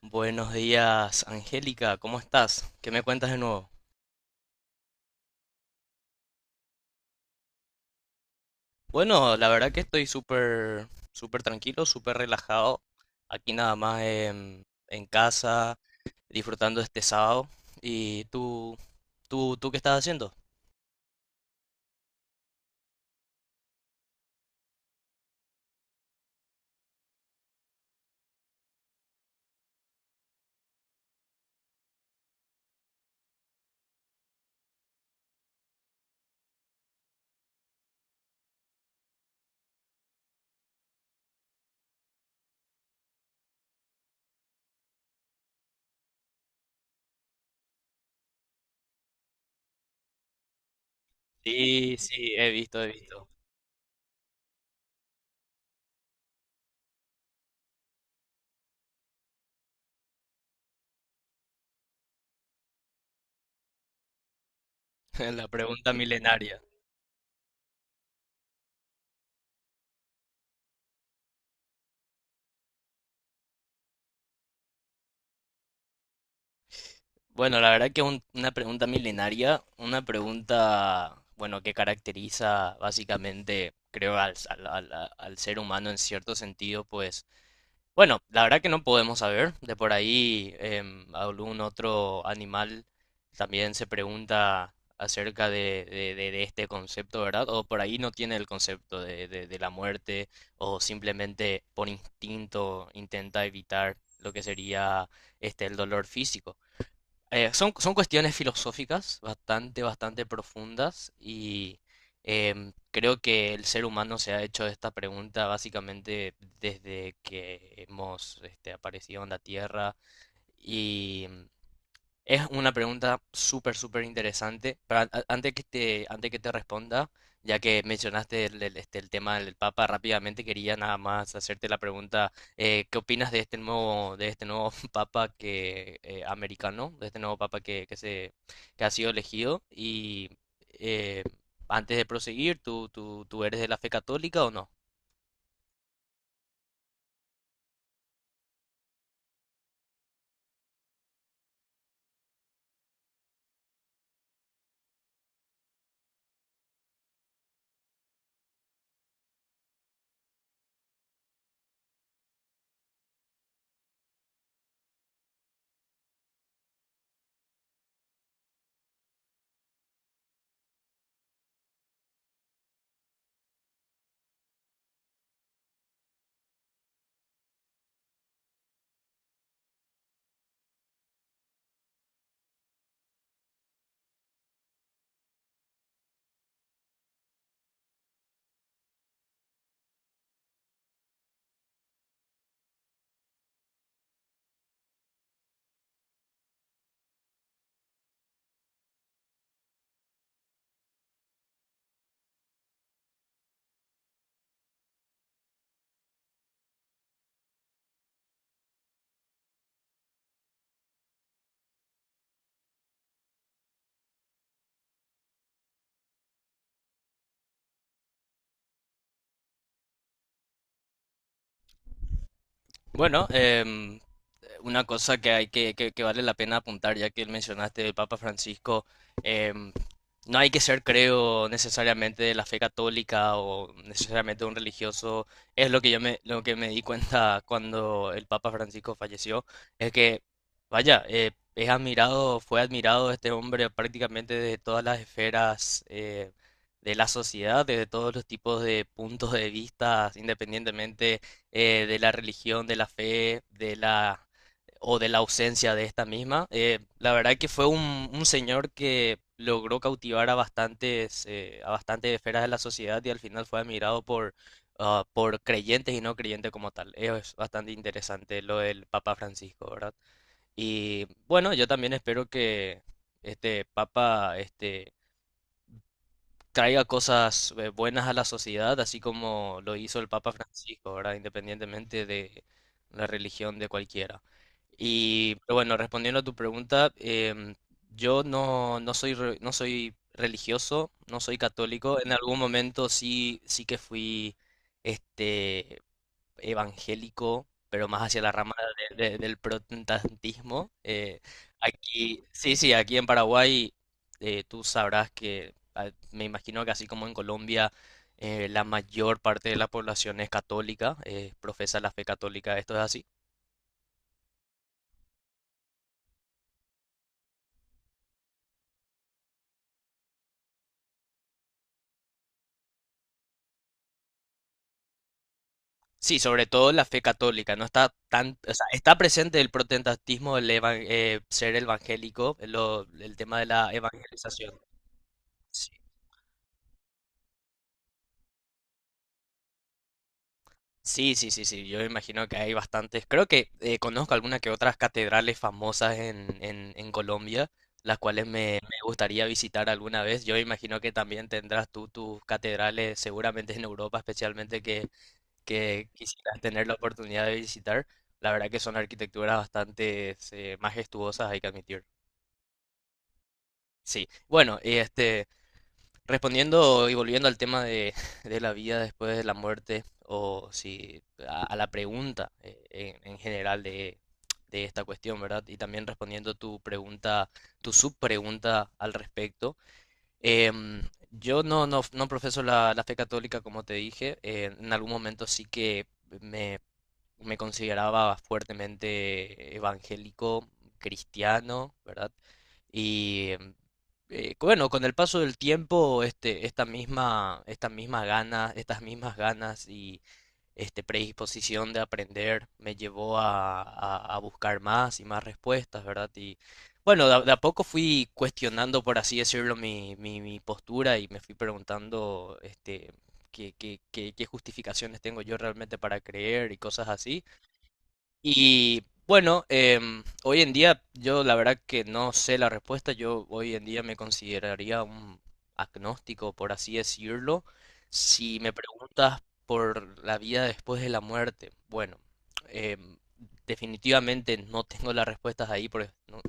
Buenos días, Angélica, ¿cómo estás? ¿Qué me cuentas de nuevo? Bueno, la verdad que estoy súper, súper tranquilo, súper relajado. Aquí nada más en casa, disfrutando este sábado. ¿Y tú, tú qué estás haciendo? Sí, sí, he visto. La pregunta milenaria. Bueno, la verdad que una pregunta milenaria, una pregunta, bueno, que caracteriza básicamente, creo, al ser humano en cierto sentido, pues bueno, la verdad que no podemos saber. De por ahí algún otro animal también se pregunta acerca de, de este concepto, ¿verdad? O por ahí no tiene el concepto de, de la muerte o simplemente por instinto intenta evitar lo que sería este el dolor físico. Son, son cuestiones filosóficas bastante, bastante profundas y creo que el ser humano se ha hecho esta pregunta básicamente desde que hemos este, aparecido en la Tierra. Es una pregunta súper, súper interesante. Pero antes que antes que te responda, ya que mencionaste este, el tema del Papa, rápidamente quería nada más hacerte la pregunta, ¿qué opinas de este nuevo Papa que, americano, de este nuevo Papa que se, que ha sido elegido? Y eh, antes de proseguir, tú eres de la fe católica o no? Bueno, una cosa que hay que, que vale la pena apuntar, ya que mencionaste del Papa Francisco, em, no hay que ser, creo, necesariamente de la fe católica o necesariamente un religioso. Es lo que lo que me di cuenta cuando el Papa Francisco falleció, es que, vaya, es admirado, fue admirado este hombre prácticamente desde todas las esferas de la sociedad, desde todos los tipos de puntos de vista, independientemente de la religión, de la fe, de la o de la ausencia de esta misma. La verdad que fue un señor que logró cautivar a bastantes esferas de la sociedad y al final fue admirado por, ah, por creyentes y no creyentes como tal. Es bastante interesante lo del Papa Francisco, ¿verdad? Y bueno, yo también espero que este Papa este, traiga cosas buenas a la sociedad, así como lo hizo el Papa Francisco, ¿verdad? Independientemente de la religión de cualquiera. Y pero bueno, respondiendo a tu pregunta, yo no, no soy, no soy religioso, no soy católico. En algún momento sí, sí que fui este, evangélico, pero más hacia la rama del protestantismo. Aquí, sí, sí, aquí en Paraguay tú sabrás que ah, me imagino que así como en Colombia la mayor parte de la población es católica, profesa la fe católica, esto es así. Sí, sobre todo la fe católica, no está tan, o sea, está presente el protestantismo, ser evangélico, el tema de la evangelización. Sí, sí, sí, sí, yo me imagino que hay bastantes. Creo que conozco algunas que otras catedrales famosas en Colombia, las cuales me gustaría visitar alguna vez. Yo me imagino que también tendrás tú tus catedrales, seguramente en Europa especialmente, que quisieras tener la oportunidad de visitar. La verdad que son arquitecturas bastante majestuosas, hay que admitir. Sí, bueno, y este, respondiendo y volviendo al tema de, de la vida después de la muerte, o si a, a la pregunta en general de esta cuestión, ¿verdad? Y también respondiendo tu pregunta, tu subpregunta al respecto. em, yo no, no, no profeso la, la fe católica, como te dije. En algún momento sí que me me consideraba fuertemente evangélico, cristiano, ¿verdad? Y bueno, con el paso del tiempo, este, esta misma, estas mismas ganas y este predisposición de aprender me llevó a, a buscar más y más respuestas, ¿verdad? Y bueno, de a poco fui cuestionando, por así decirlo, mi postura y me fui preguntando, este, qué justificaciones tengo yo realmente para creer y cosas así. Y bueno, hoy en día yo la verdad que no sé la respuesta. Yo hoy en día me consideraría un agnóstico, por así decirlo. Si me preguntas por la vida después de la muerte, bueno, em, definitivamente no tengo las respuestas ahí porque no,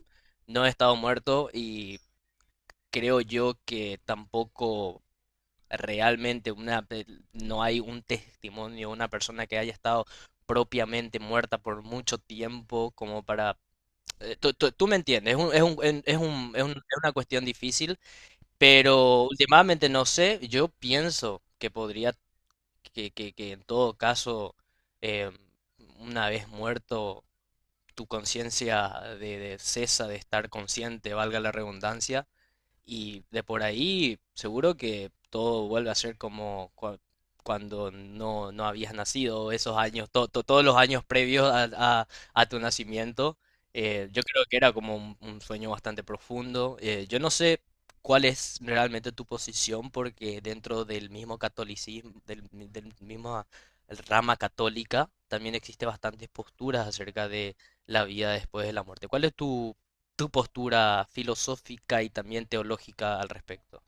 no he estado muerto y creo yo que tampoco realmente no hay un testimonio, una persona que haya estado propiamente muerta por mucho tiempo, como para... Tú, tú me entiendes, es un- en- es un- es un- es una cuestión difícil, pero últimamente no sé, yo pienso que podría, que, que en todo caso, eh, una vez muerto, tu conciencia de cesa de estar consciente, valga la redundancia, y de por ahí, seguro que todo vuelve a ser como cuando no, no habías nacido, esos años, todos los años previos a, a- a tu nacimiento. Yo creo que era como un sueño bastante profundo. Yo no sé cuál es realmente tu posición, porque dentro del mismo catolicismo, del mismo rama católica, también existe bastantes posturas acerca de la vida después de la muerte. ¿Cuál es tu tu postura filosófica y también teológica al respecto?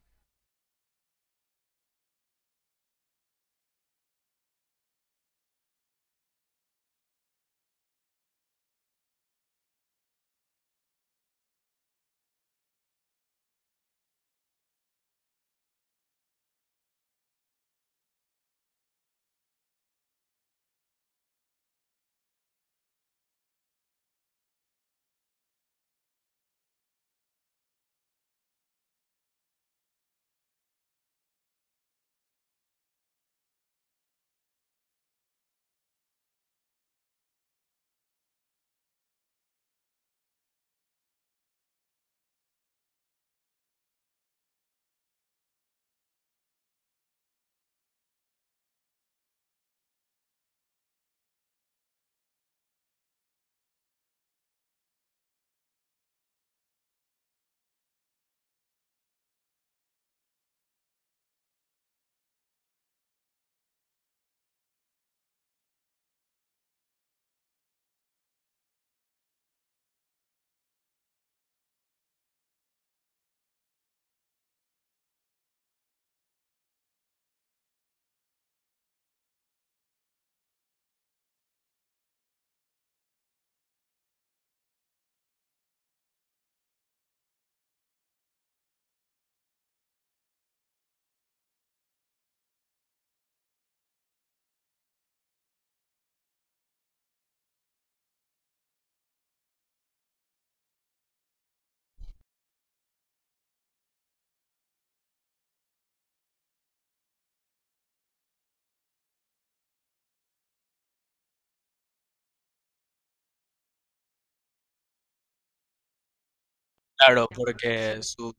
Claro, porque sus,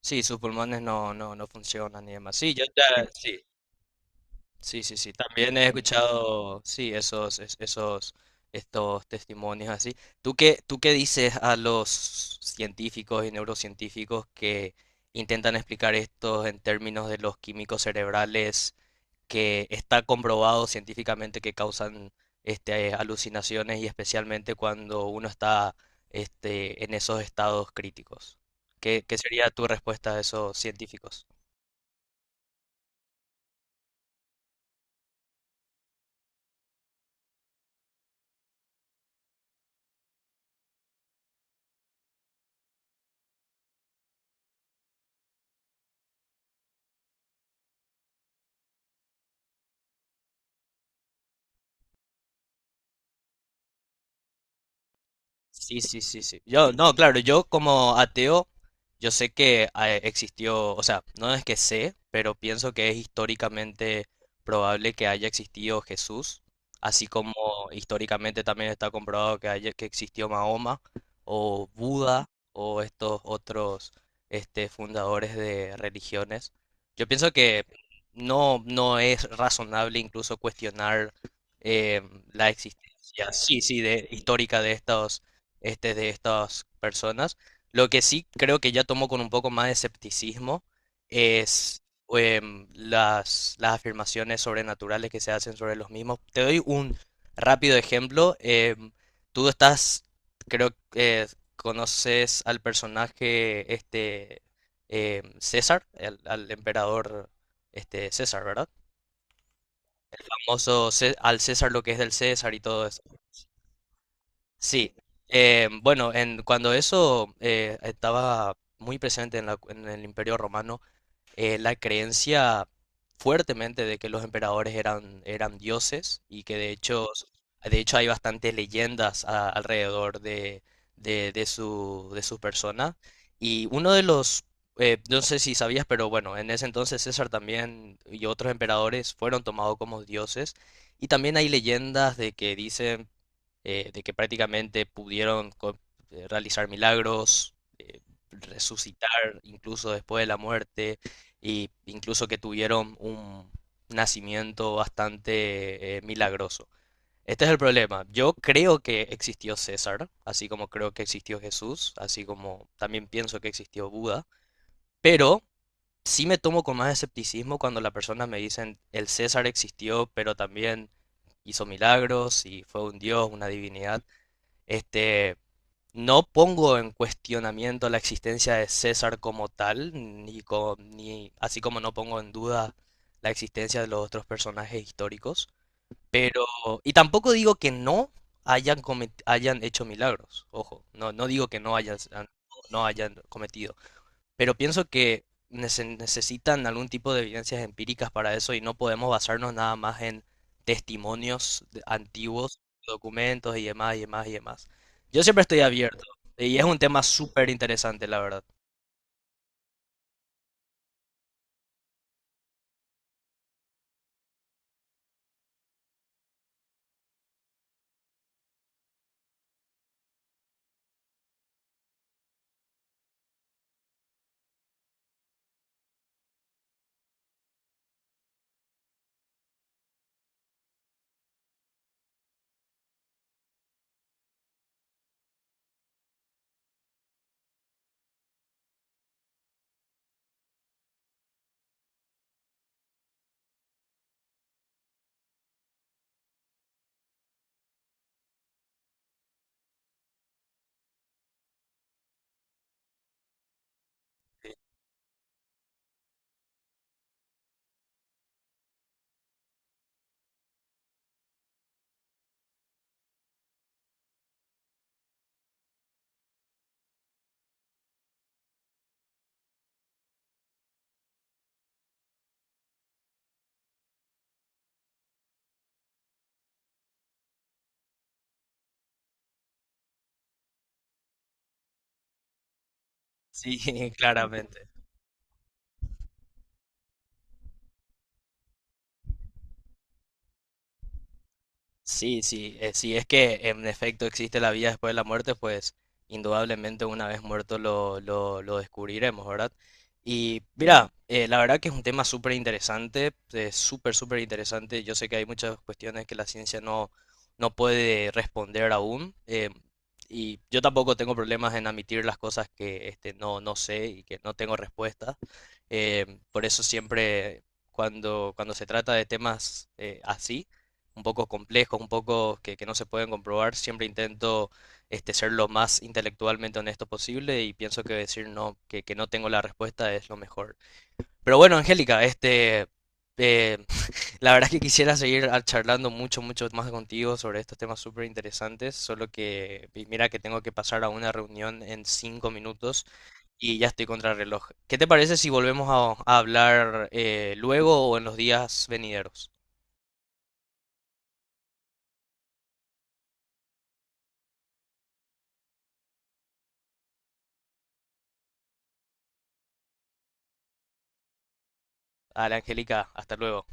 sí, sus pulmones no, no, no funcionan y demás. Sí, yo ya, sí, sí, sí, sí. También he escuchado, sí, esos, esos, estos testimonios así. Tú qué dices a los científicos y neurocientíficos que intentan explicar esto en términos de los químicos cerebrales, que está comprobado científicamente que causan este, alucinaciones y especialmente cuando uno está este, en esos estados críticos? Qué sería tu respuesta a esos científicos? Sí, sí, sí, sí. Yo, no, claro, yo como ateo, yo sé que ah, existió, o sea, no es que sé, pero pienso que es históricamente probable que haya existido Jesús, así como históricamente también está comprobado que haya, que existió Mahoma o Buda o estos otros este, fundadores de religiones. Yo pienso que no, no es razonable incluso cuestionar eh, la existencia, sí, sí, de, histórica de estos este, de estas personas. Lo que sí creo que ya tomo con un poco más de escepticismo es las afirmaciones sobrenaturales que se hacen sobre los mismos. Te doy un rápido ejemplo. Tú estás, creo que conoces al personaje este César, al emperador este César, ¿verdad? Famoso al César lo que es del César y todo. Sí, bueno, en, cuando eso estaba muy presente en el Imperio Romano, la creencia fuertemente de que los emperadores eran, eran dioses y que de hecho hay bastantes leyendas alrededor de, de su persona. Y no sé si sabías, pero bueno, en ese entonces César también y otros emperadores fueron tomados como dioses. Y también hay leyendas de que dicen de que prácticamente pudieron realizar milagros, resucitar incluso después de la muerte, y incluso que tuvieron un nacimiento bastante milagroso. Este es el problema. Yo creo que existió César, así como creo que existió Jesús, así como también pienso que existió Buda, pero sí me tomo con más escepticismo cuando las personas me dicen el César existió, pero también hizo milagros y fue un dios, una divinidad. Este, no pongo en cuestionamiento la existencia de César como tal, ni, ni así como no pongo en duda la existencia de los otros personajes históricos, pero y tampoco digo que no hayan hecho milagros. Ojo, no no digo que no no hayan cometido, pero pienso que necesitan algún tipo de evidencias empíricas para eso y no podemos basarnos nada más en testimonios antiguos, documentos y demás y demás y demás. Yo siempre estoy abierto y es un tema súper interesante, la verdad. Sí, claramente. Sí, sí, si es que en efecto existe la vida después de la muerte, pues indudablemente una vez muerto lo descubriremos, ¿verdad? Y mira, la verdad que es un tema súper interesante, súper, súper interesante. Yo sé que hay muchas cuestiones que la ciencia no, no puede responder aún. Y yo tampoco tengo problemas en admitir las cosas que este, no, no sé y que no tengo respuesta. Por eso siempre cuando se trata de temas así un poco complejos, un poco que no se pueden comprobar, siempre intento este, ser lo más intelectualmente honesto posible y pienso que decir no, que no tengo la respuesta es lo mejor. Pero bueno, Angélica, este, eh, la verdad es que quisiera seguir ah, charlando mucho, mucho más contigo sobre estos temas súper interesantes, solo que mira que tengo que pasar a una reunión en 5 minutos y ya estoy contra el reloj. ¿Qué te parece si volvemos a hablar luego o en los días venideros? Dale, Angélica, hasta luego.